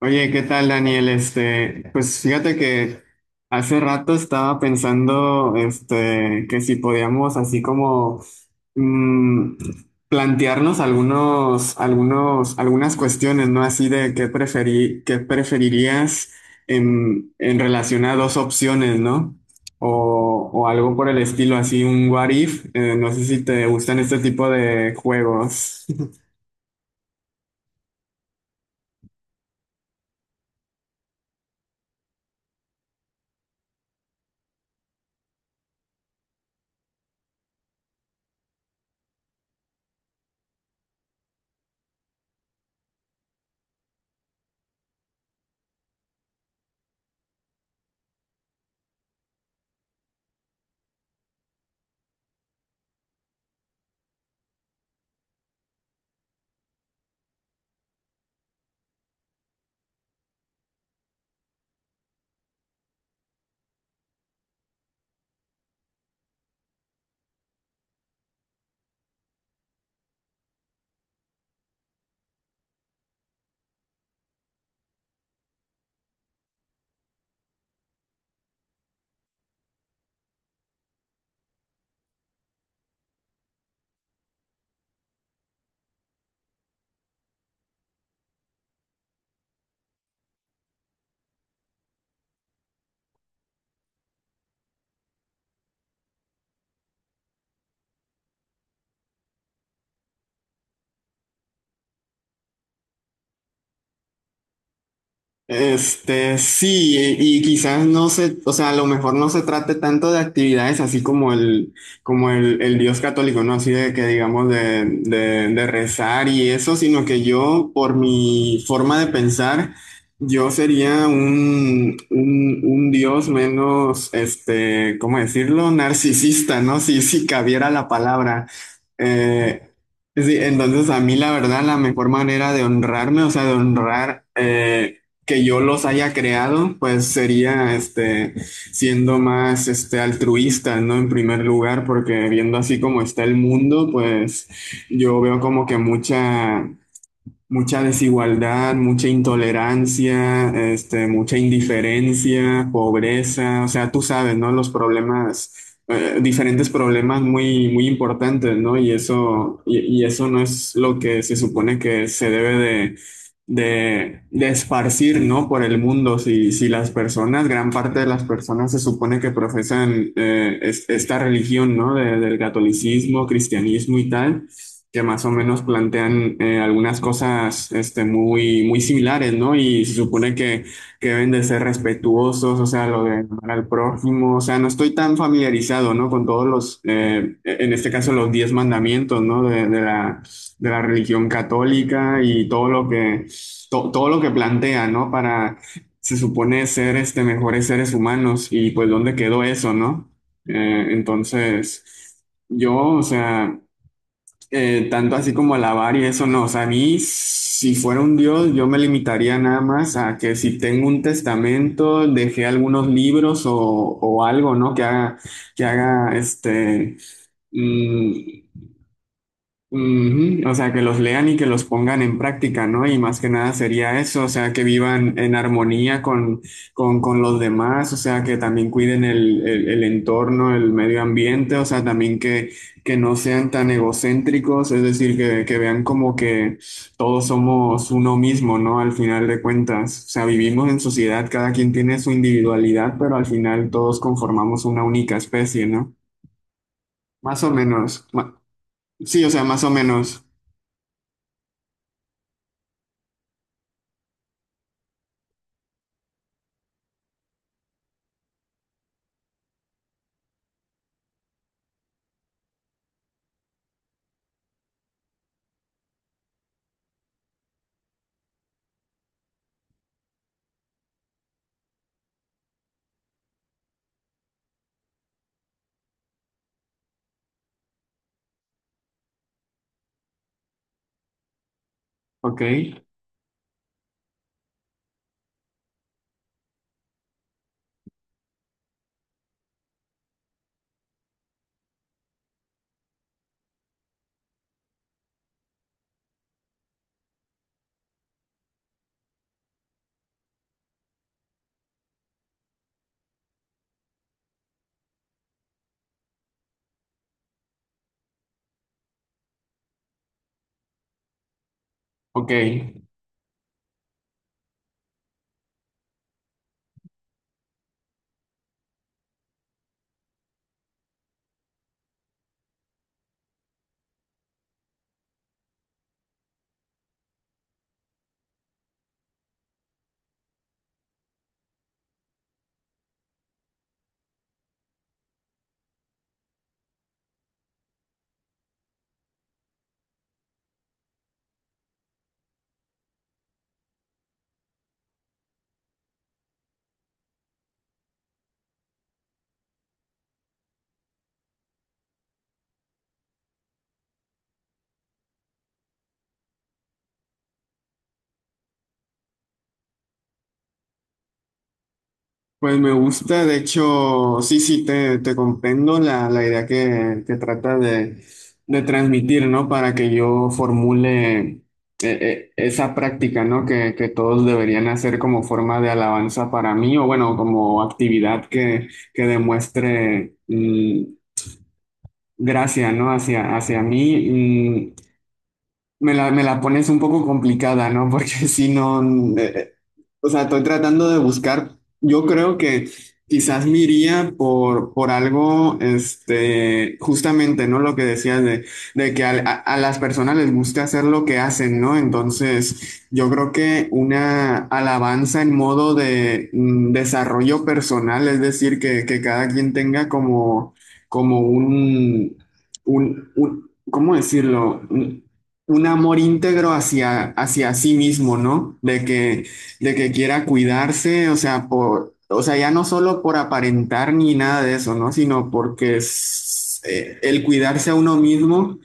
Oye, ¿qué tal, Daniel? Pues fíjate que hace rato estaba pensando, que si podíamos así como mm, plantearnos algunas cuestiones, ¿no? Así de qué preferirías en relación a dos opciones, ¿no? O algo por el estilo, así un what if. No sé si te gustan este tipo de juegos. Sí, y quizás no se, o sea, a lo mejor no se trate tanto de actividades así como como el Dios católico, ¿no? Así de que digamos de rezar y eso, sino que yo, por mi forma de pensar, yo sería un Dios menos, ¿cómo decirlo? Narcisista, ¿no? Si, si cabiera la palabra. Eh, Sí, entonces a mí la verdad la mejor manera de honrarme, o sea, de honrar que yo los haya creado, pues sería siendo más altruista, ¿no? En primer lugar, porque viendo así como está el mundo, pues yo veo como que mucha desigualdad, mucha intolerancia, mucha indiferencia, pobreza, o sea, tú sabes, ¿no? Los problemas, diferentes problemas muy, muy importantes, ¿no? Y eso, y eso no es lo que se supone que se debe de esparcir, ¿no? Por el mundo. Si, si las personas, gran parte de las personas se supone que profesan esta religión, ¿no? Del catolicismo, cristianismo y tal que más o menos plantean algunas cosas muy, muy similares, ¿no? Y se supone que deben de ser respetuosos, o sea, lo de amar al prójimo, o sea, no estoy tan familiarizado, ¿no? Con todos los, en este caso, los 10 mandamientos, ¿no? De la religión católica y todo lo que, todo lo que plantea, ¿no? Para, se supone ser mejores seres humanos y pues dónde quedó eso, ¿no? Eh, entonces, o sea tanto así como alabar y eso no. O sea, a mí, si fuera un Dios, yo me limitaría nada más a que si tengo un testamento, dejé algunos libros o algo, ¿no? Que haga mm, ujú. O sea, que los lean y que los pongan en práctica, ¿no? Y más que nada sería eso, o sea, que vivan en armonía con, con los demás, o sea, que también cuiden el entorno, el medio ambiente, o sea, también que no sean tan egocéntricos, es decir, que vean como que todos somos uno mismo, ¿no? Al final de cuentas, o sea, vivimos en sociedad, cada quien tiene su individualidad, pero al final todos conformamos una única especie, ¿no? Más o menos, sí, o sea, más o menos, ¿ok? Ok, pues me gusta, de hecho, sí, sí, te comprendo la, la idea que trata de transmitir, ¿no? Para que yo formule esa práctica, ¿no? Que todos deberían hacer como forma de alabanza para mí, o bueno, como actividad que demuestre gracia, ¿no? Hacia, hacia mí. Me la pones un poco complicada, ¿no? Porque si no, eh, eh, o sea, estoy tratando de buscar, yo creo que quizás me iría por algo, justamente, ¿no? Lo que decías de que a las personas les gusta hacer lo que hacen, ¿no? Entonces, yo creo que una alabanza en modo de desarrollo personal, es decir, que cada quien tenga como, como un, ¿cómo decirlo? Un amor íntegro hacia, hacia sí mismo, ¿no? De que quiera cuidarse, o sea, por, o sea, ya no solo por aparentar ni nada de eso, ¿no? Sino porque es, el cuidarse a uno mismo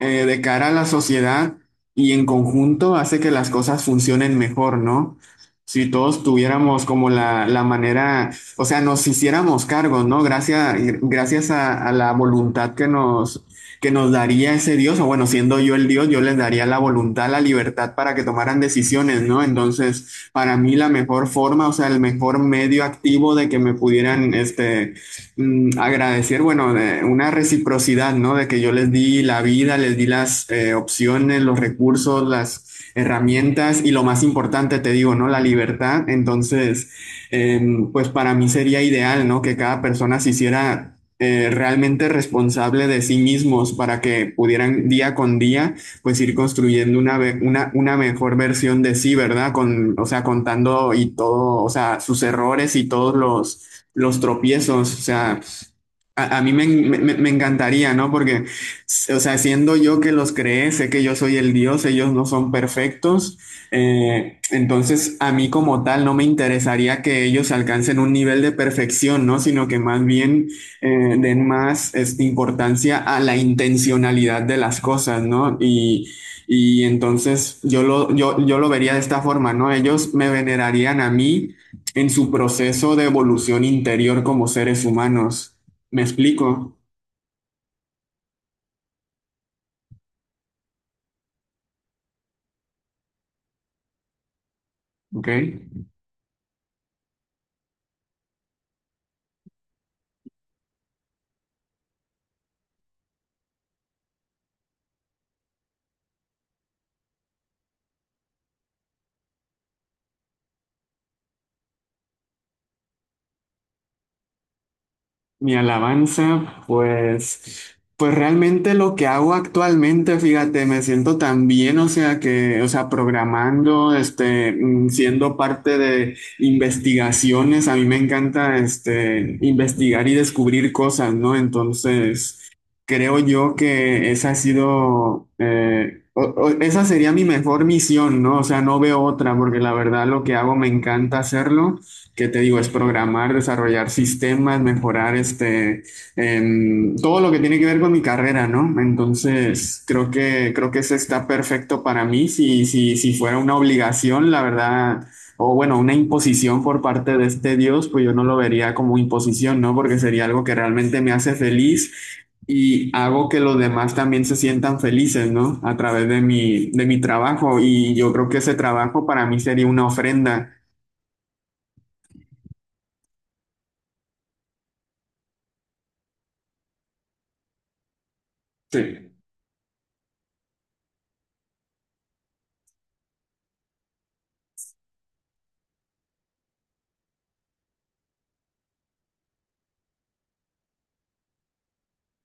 de cara a la sociedad y en conjunto hace que las cosas funcionen mejor, ¿no? Si todos tuviéramos como la manera, o sea, nos hiciéramos cargo, ¿no? Gracias, gracias a la voluntad que nos daría ese Dios, o bueno, siendo yo el Dios, yo les daría la voluntad, la libertad para que tomaran decisiones, ¿no? Entonces, para mí la mejor forma, o sea, el mejor medio activo de que me pudieran, agradecer, bueno, de una reciprocidad, ¿no? De que yo les di la vida, les di las opciones, los recursos, las herramientas y lo más importante, te digo, ¿no? La libertad. Entonces, eh, pues para mí sería ideal, ¿no? Que cada persona se hiciera realmente responsable de sí mismos para que pudieran día con día pues ir construyendo una mejor versión de sí, ¿verdad? Con, o sea, contando y todo, o sea, sus errores y todos los tropiezos, o sea, a mí me encantaría, ¿no? Porque, o sea, siendo yo que los creé, sé que yo soy el Dios, ellos no son perfectos, entonces a mí como tal no me interesaría que ellos alcancen un nivel de perfección, ¿no? Sino que más bien den más importancia a la intencionalidad de las cosas, ¿no? Y entonces yo lo vería de esta forma, ¿no? Ellos me venerarían a mí en su proceso de evolución interior como seres humanos. ¿Me explico? ¿Ok? Mi alabanza, pues, pues realmente lo que hago actualmente, fíjate, me siento tan bien, o sea que, o sea, programando, siendo parte de investigaciones, a mí me encanta, investigar y descubrir cosas, ¿no? Entonces, creo yo que esa ha sido, esa sería mi mejor misión, ¿no? O sea, no veo otra, porque la verdad lo que hago me encanta hacerlo. ¿Qué te digo? Es programar, desarrollar sistemas, mejorar todo lo que tiene que ver con mi carrera, ¿no? Entonces, creo que eso está perfecto para mí. Si fuera una obligación, la verdad, o bueno, una imposición por parte de este Dios, pues yo no lo vería como imposición, ¿no? Porque sería algo que realmente me hace feliz y hago que los demás también se sientan felices, ¿no? A través de mi trabajo. Y yo creo que ese trabajo para mí sería una ofrenda. Sí,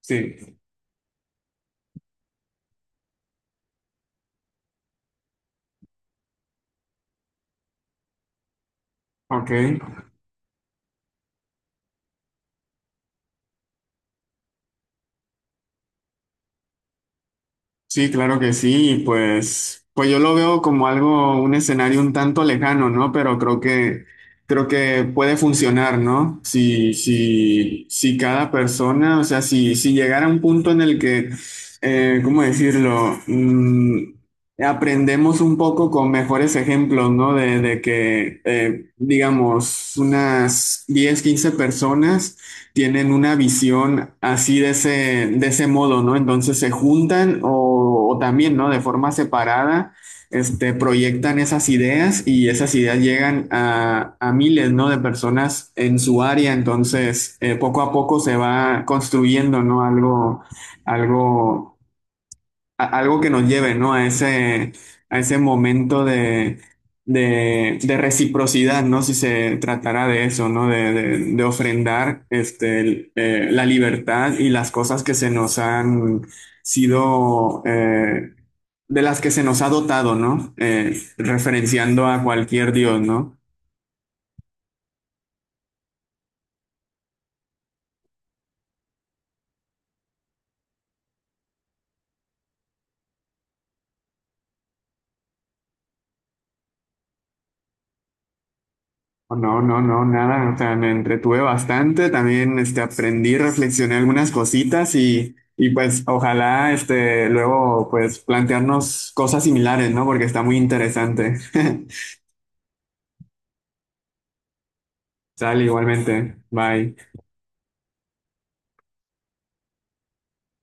sí. Ok, sí, claro que sí, y pues, pues yo lo veo como algo, un escenario un tanto lejano, ¿no? Pero creo que puede funcionar, ¿no? Si cada persona, o sea, si llegara a un punto en el que, ¿cómo decirlo? Aprendemos un poco con mejores ejemplos, ¿no? Digamos, unas 10, 15 personas tienen una visión así de ese modo, ¿no? Entonces se juntan o también, ¿no? De forma separada, proyectan esas ideas y esas ideas llegan a miles, ¿no? De personas en su área. Entonces, poco a poco se va construyendo, ¿no? Algo, algo algo que nos lleve, ¿no? A ese momento de reciprocidad, ¿no? Si se tratará de eso, ¿no? De ofrendar la libertad y las cosas que se nos han sido, de las que se nos ha dotado, ¿no? Referenciando a cualquier Dios, ¿no? No, no, no, nada, o sea, me entretuve bastante, también aprendí, reflexioné algunas cositas y pues ojalá luego pues plantearnos cosas similares, ¿no? Porque está muy interesante. Sale igualmente, bye.